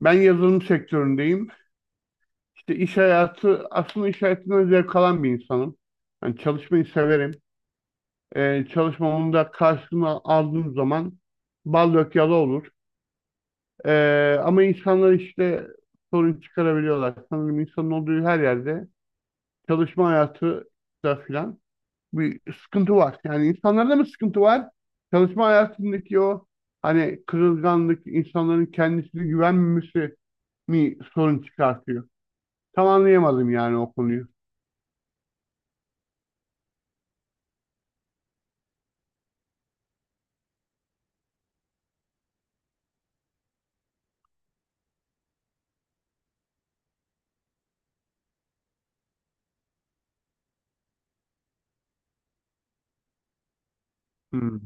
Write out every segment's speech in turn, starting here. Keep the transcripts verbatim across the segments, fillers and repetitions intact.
Ben yazılım sektöründeyim. İşte iş hayatı, aslında iş hayatından zevk alan bir insanım. Yani çalışmayı severim. Ee, çalışmamın da karşılığını aldığım zaman bal dök yala olur. Ee, ama insanlar işte sorun çıkarabiliyorlar. Sanırım insanın olduğu her yerde çalışma hayatı da filan bir sıkıntı var. Yani insanlarda mı sıkıntı var? Çalışma hayatındaki o hani kırılganlık, insanların kendisine güvenmemesi mi sorun çıkartıyor? Tam anlayamadım yani o konuyu. Hmm.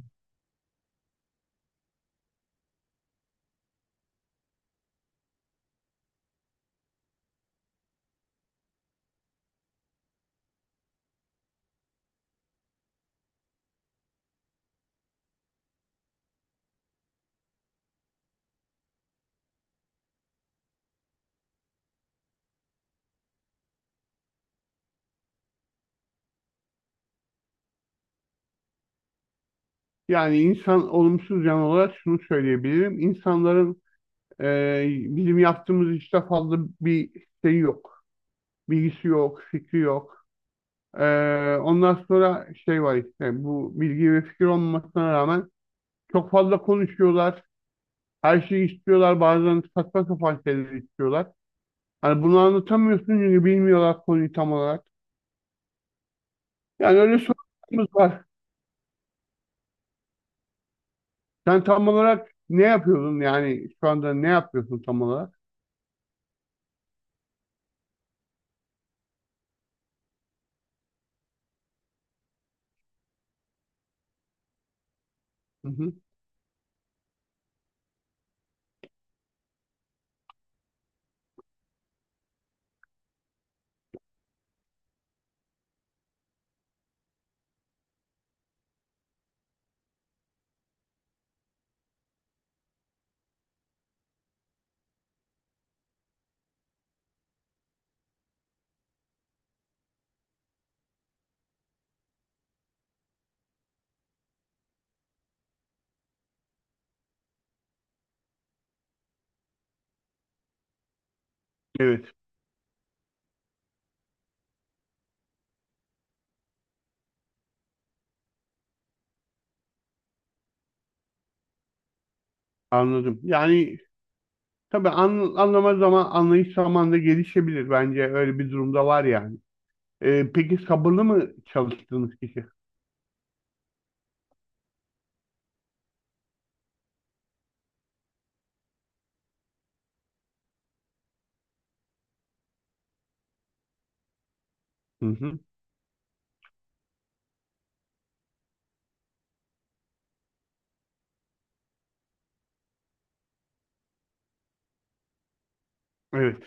Yani insan olumsuz yan olarak şunu söyleyebilirim. İnsanların e, bizim yaptığımız işte fazla bir şey yok. Bilgisi yok, fikri yok. E, Ondan sonra şey var işte bu bilgi ve fikir olmasına rağmen çok fazla konuşuyorlar. Her şeyi istiyorlar. Bazen saçma sapan şeyleri istiyorlar. Hani bunu anlatamıyorsun çünkü bilmiyorlar konuyu tam olarak. Yani öyle sorunlarımız var. Sen tam olarak ne yapıyordun yani şu anda ne yapıyorsun tam olarak? Hı hı. Evet, anladım. Yani tabii an, anlama zaman anlayış zamanında gelişebilir bence öyle bir durumda var yani. Ee, peki sabırlı mı çalıştığınız kişi? Hı hı. Evet.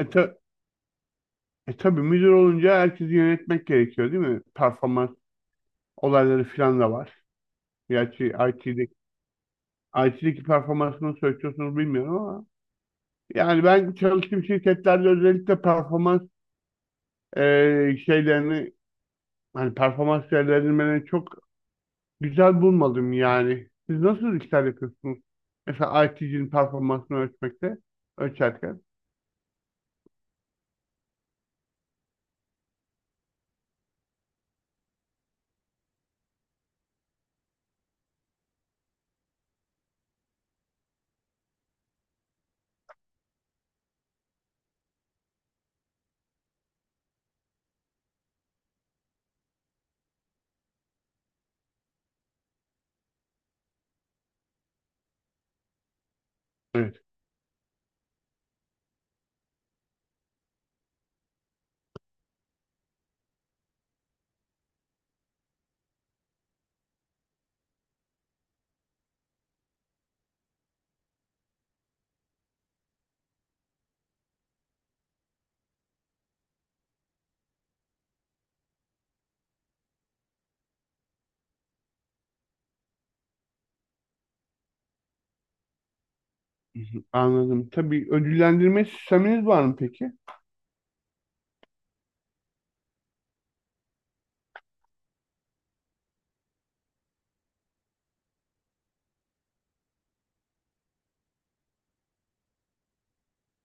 E, ta- E tabii müdür olunca herkesi yönetmek gerekiyor değil mi? Performans olayları falan da var. Gerçi I T'deki I T'deki performansını söylüyorsunuz bilmiyorum ama yani ben çalıştığım şirketlerde özellikle performans e, şeylerini hani performans değerlendirmelerini çok güzel bulmadım yani. Siz nasıl işler yapıyorsunuz? Mesela I T'cinin performansını ölçmekte, ölçerken. Evet. Hı hı, anladım. Tabii ödüllendirme sisteminiz var mı peki?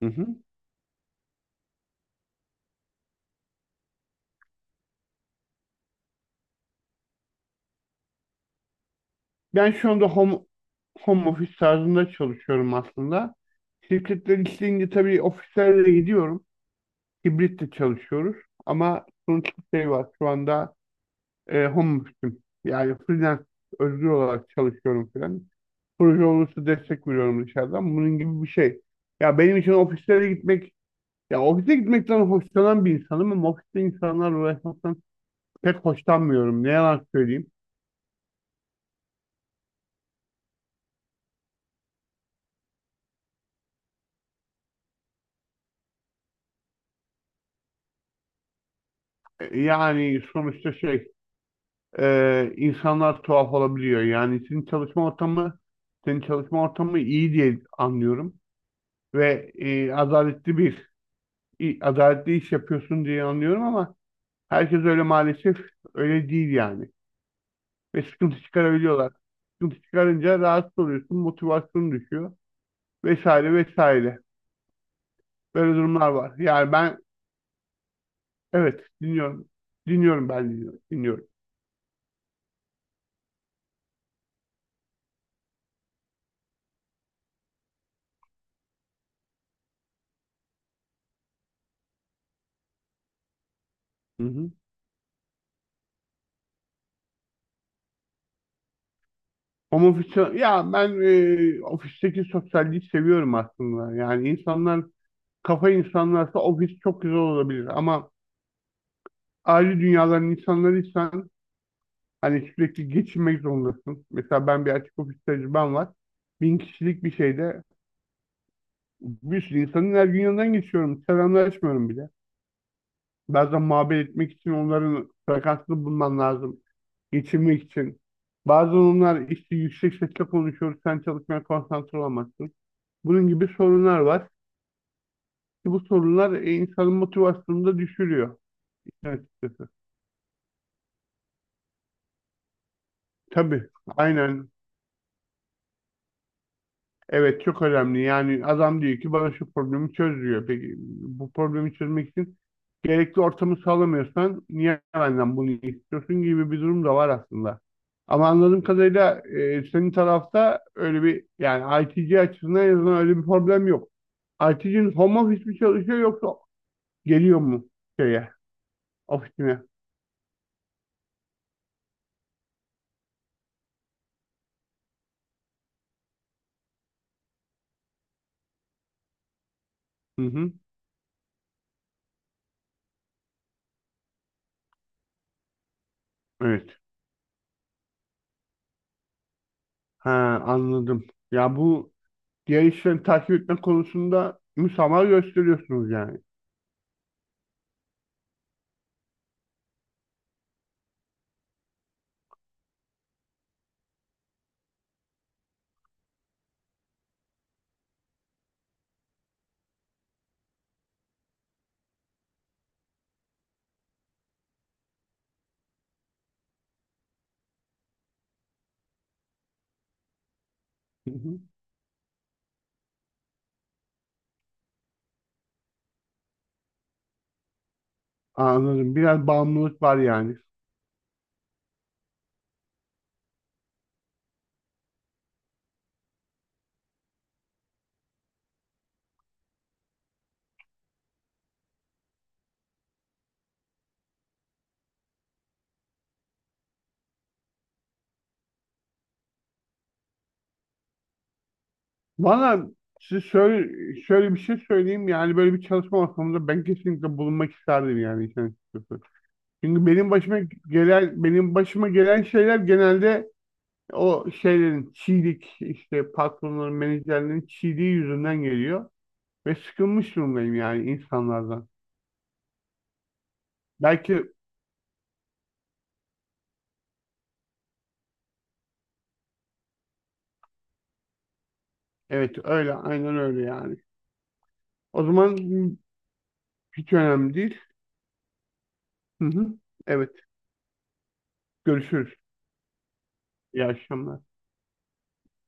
Hı hı. Ben şu anda home, home office tarzında çalışıyorum aslında. Şirketler isteyince tabii ofislerle gidiyorum. Hibrit de çalışıyoruz. Ama sonuç bir şey var. Şu anda e, home office'im. Yani freelance özgür olarak çalışıyorum falan. Proje olursa destek veriyorum dışarıdan. Bunun gibi bir şey. Ya benim için ofislere gitmek, Ya ofise gitmekten hoşlanan bir insanım ama ofiste insanlarla uğraşmaktan pek hoşlanmıyorum. Ne yalan söyleyeyim. E, Yani sonuçta şey, e, insanlar tuhaf olabiliyor. Yani senin çalışma ortamı senin çalışma ortamı iyi diye anlıyorum ve e, adaletli bir i- adaletli iş yapıyorsun diye anlıyorum ama herkes öyle maalesef öyle değil yani. Ve sıkıntı çıkarabiliyorlar. Sıkıntı çıkarınca rahatsız oluyorsun, motivasyonun düşüyor vesaire vesaire. Böyle durumlar var. Yani ben evet dinliyorum. Dinliyorum ben dinliyorum. Dinliyorum. Hı hı. Homofiksiyel, ya ben e, ofisteki sosyalliği seviyorum aslında. Yani insanlar, kafa insanlarsa ofis çok güzel olabilir ama ayrı dünyaların insanlarıysan hani sürekli geçinmek zorundasın. Mesela ben bir açık ofis tecrübem var. Bin kişilik bir şeyde bir sürü insanın her gün yanından geçiyorum. Selamlaşmıyorum bile. Bazen muhabbet etmek için onların frekansını bulman lazım. Geçinmek için. Bazen onlar işte yüksek sesle konuşuyor. Sen çalışmaya konsantre olamazsın. Bunun gibi sorunlar var. Ki bu sorunlar e, insanın motivasyonunu da düşürüyor. Evet. Açıkçası. Tabii. Aynen. Evet, çok önemli. Yani adam diyor ki bana şu problemi çöz diyor. Peki bu problemi çözmek için gerekli ortamı sağlamıyorsan niye benden bunu istiyorsun gibi bir durum da var aslında. Ama anladığım kadarıyla e, senin tarafta öyle bir yani I T C açısından en azından öyle bir problem yok. I T C'nin home office mi çalışıyor yoksa geliyor mu şeye, ofisine? Hı hı. Evet. Ha, anladım. Ya bu diğer işleri takip etme konusunda müsamaha gösteriyorsunuz yani. Hı hı. Anladım. Biraz bağımlılık var yani. Valla size şöyle, şöyle bir şey söyleyeyim yani böyle bir çalışma ortamında ben kesinlikle bulunmak isterdim yani işin açıkçası. Çünkü benim başıma gelen benim başıma gelen şeyler genelde o şeylerin çiğlik işte patronların menajerlerin çiğliği yüzünden geliyor ve sıkılmış durumdayım yani insanlardan. Belki evet öyle aynen öyle yani. O zaman hiç önemli değil. Hı hı. Evet, görüşürüz. İyi akşamlar.